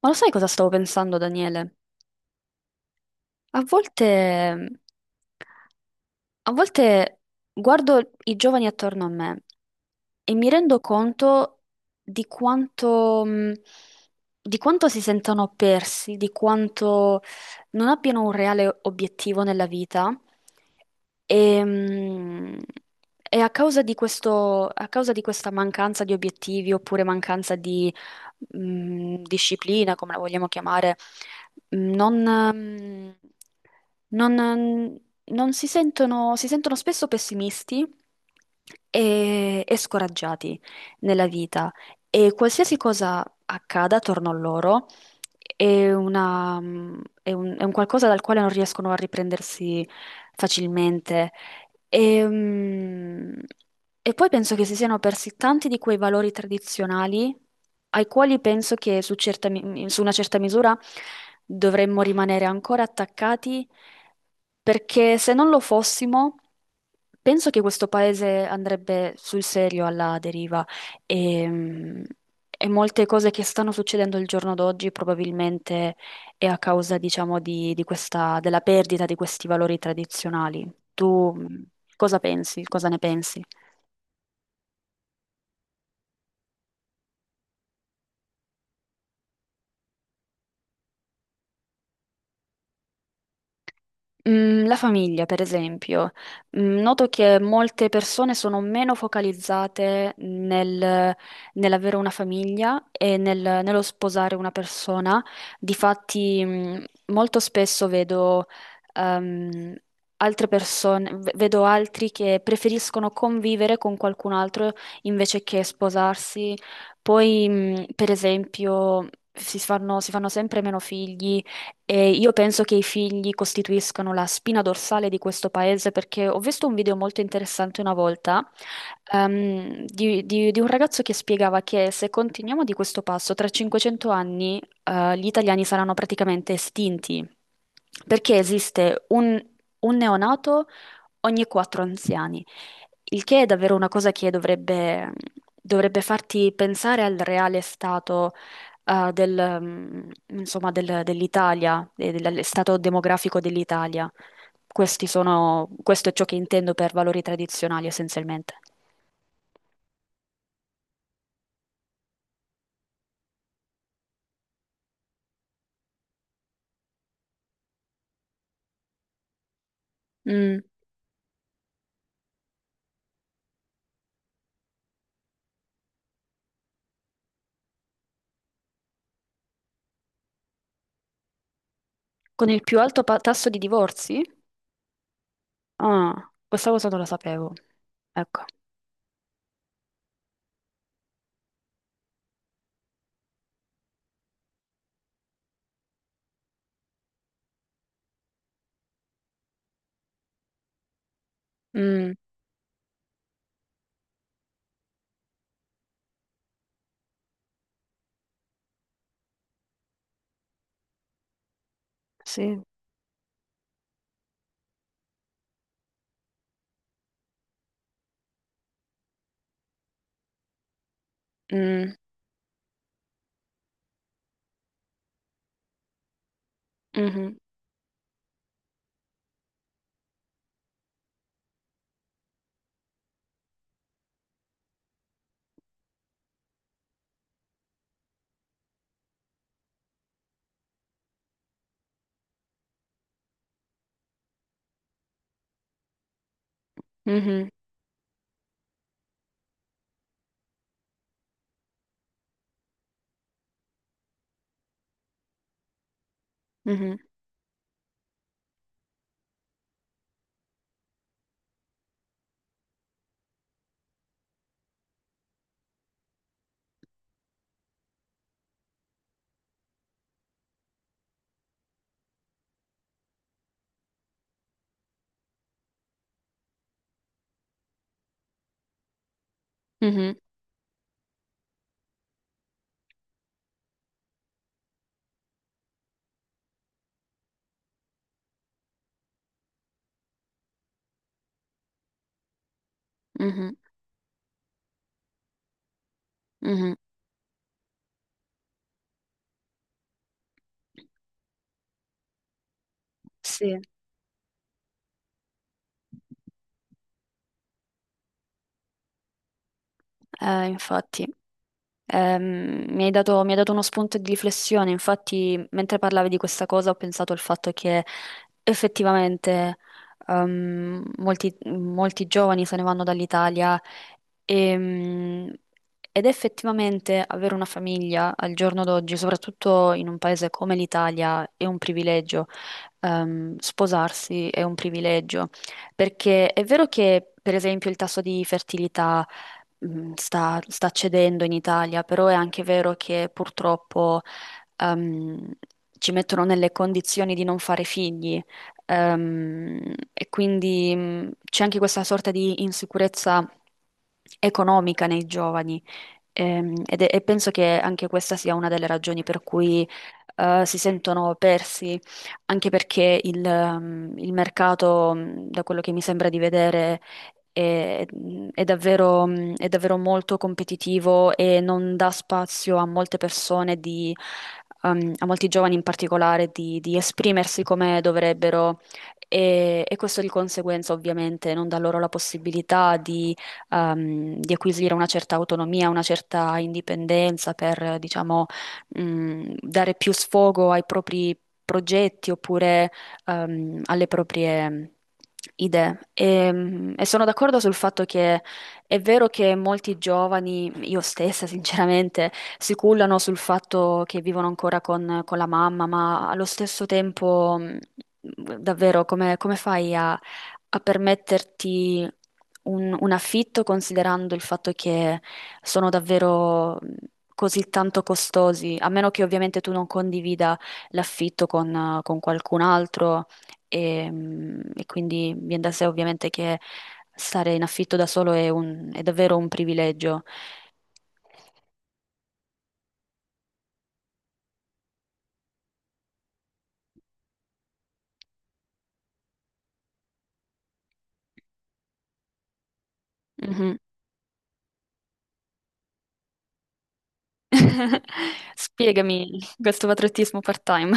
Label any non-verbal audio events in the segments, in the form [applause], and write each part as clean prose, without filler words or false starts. Ma lo sai cosa stavo pensando, Daniele? A volte, a volte guardo i giovani attorno a me e mi rendo conto di quanto, mh, di quanto si sentano persi, di quanto non abbiano un reale obiettivo nella vita. E, mh, e a causa di questo, a causa di questa mancanza di obiettivi oppure mancanza di disciplina, come la vogliamo chiamare, non, mm, non, non si sentono, si sentono spesso pessimisti e scoraggiati nella vita e qualsiasi cosa accada attorno a loro è una- è è un qualcosa dal quale non riescono a riprendersi facilmente e, mm, e poi penso che si siano persi tanti di quei valori tradizionali ai quali penso che su una certa misura dovremmo rimanere ancora attaccati, perché se non lo fossimo, penso che questo paese andrebbe sul serio alla deriva e, mm, e molte cose che stanno succedendo il giorno d'oggi probabilmente e a causa, diciamo, di questa, della perdita di questi valori tradizionali. Tu cosa pensi? Cosa ne pensi? La famiglia, per esempio, noto che molte persone sono meno focalizzate nell'avere una famiglia e nello sposare una persona. Difatti, molto spesso vedo, ehm, altre persone, vedo altri che preferiscono convivere con qualcun altro invece che sposarsi. Poi, per esempio, si fanno sempre meno figli e io penso che i figli costituiscano la spina dorsale di questo paese perché ho visto un video molto interessante una volta di un ragazzo che spiegava che se continuiamo di questo passo, tra 500 anni gli italiani saranno praticamente estinti perché esiste un neonato ogni quattro anziani, il che è davvero una cosa che dovrebbe farti pensare al reale stato eh, del, mm, insomma, dell'Italia, e del stato demografico dell'Italia. Questo è ciò che intendo per valori tradizionali essenzialmente. Mm. Con il più alto tasso di divorzi? Ah, questa cosa non la sapevo. Ecco. Mm, sì. Mm, mhm, mhm, mhm, mhm, mhm, mhm. Sì, infatti. Mi hai dato uno spunto di riflessione, infatti mentre parlavi di questa cosa ho pensato al fatto che effettivamente molti, molti giovani se ne vanno dall'Italia ehm, ed effettivamente avere una famiglia al giorno d'oggi, soprattutto in un paese come l'Italia, è un privilegio. Sposarsi è un privilegio perché è vero che per esempio il tasso di fertilità sta cedendo in Italia, però è anche vero che purtroppo ehm, ci mettono nelle condizioni di non fare figli, e quindi c'è anche questa sorta di insicurezza economica nei giovani. E penso che anche questa sia una delle ragioni per cui si sentono persi, anche perché il mercato, da quello che mi sembra di vedere, è, è davvero, è davvero molto competitivo e non dà spazio a molte persone di, a molti giovani in particolare di esprimersi come dovrebbero. E questo di conseguenza ovviamente non dà loro la possibilità di acquisire una certa autonomia, una certa indipendenza per, diciamo, dare più sfogo ai propri progetti oppure alle proprie idee. E sono d'accordo sul fatto che è vero che molti giovani, io stessa [laughs] sinceramente, si cullano sul fatto che vivono ancora con la mamma, ma allo stesso tempo, davvero, come, come fai a permetterti un affitto considerando il fatto che sono davvero... così tanto costosi, a meno che ovviamente tu non condivida l'affitto con qualcun altro e quindi viene da sé ovviamente che stare in affitto da solo è davvero un privilegio. Mhm. [laughs] Spiegami questo patriottismo part-time.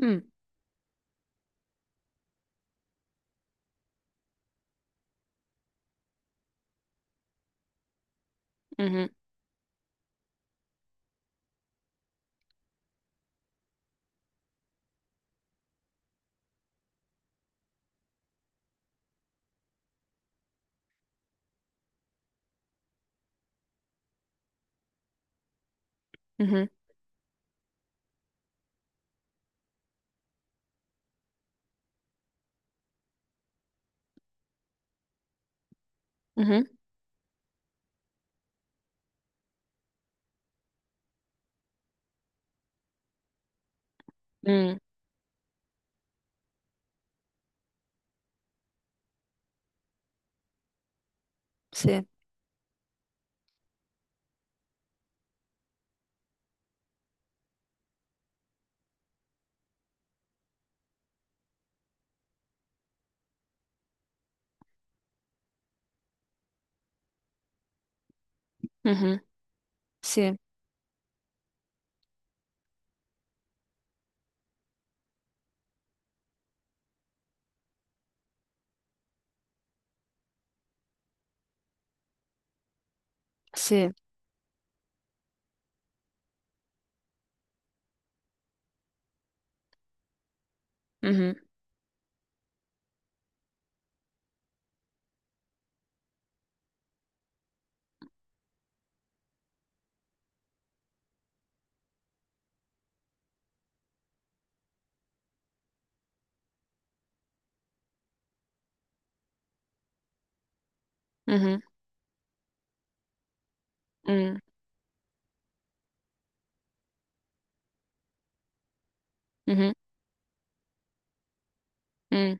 Mm, mhm, mhm, mhm, mm, sì, mhm, sì, sì, mhm, mhm, mm, mhm, mm,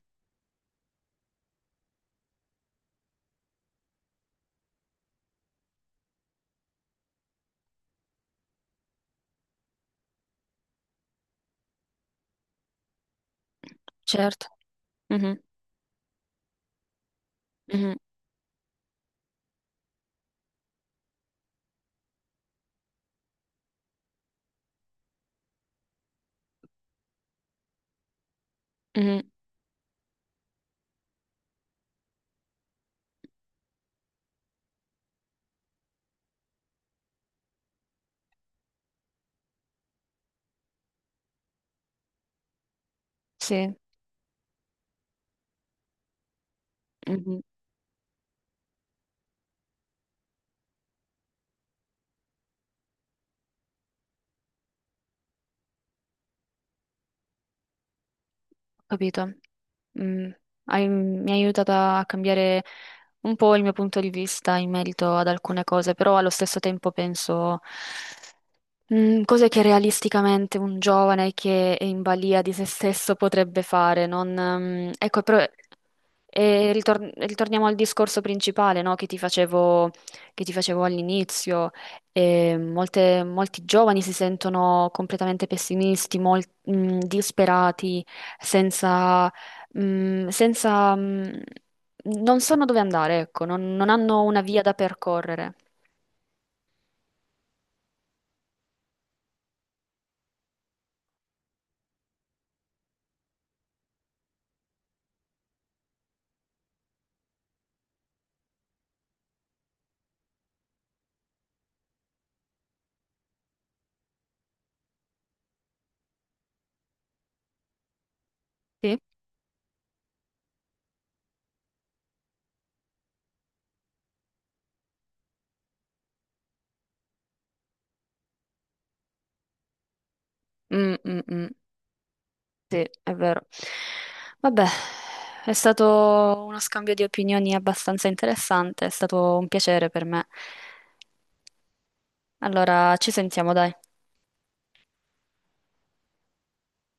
certo, mhm, mhm, mhm, sì, capito? Mm, mi hai aiutato a cambiare un po' il mio punto di vista in merito ad alcune cose, però allo stesso tempo penso cose che realisticamente un giovane che è in balia di se stesso potrebbe fare. Non, ecco, però. E ritorniamo al discorso principale, no, che ti facevo all'inizio. Molti giovani si sentono completamente pessimisti, disperati, senza, senza, non sanno dove andare, ecco, non, non hanno una via da percorrere. Sì, mm, mm, mm. Sì, è vero. Vabbè, è stato uno scambio di opinioni abbastanza interessante, è stato un piacere per me. Allora, ci sentiamo, dai.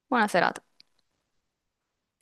Buona serata.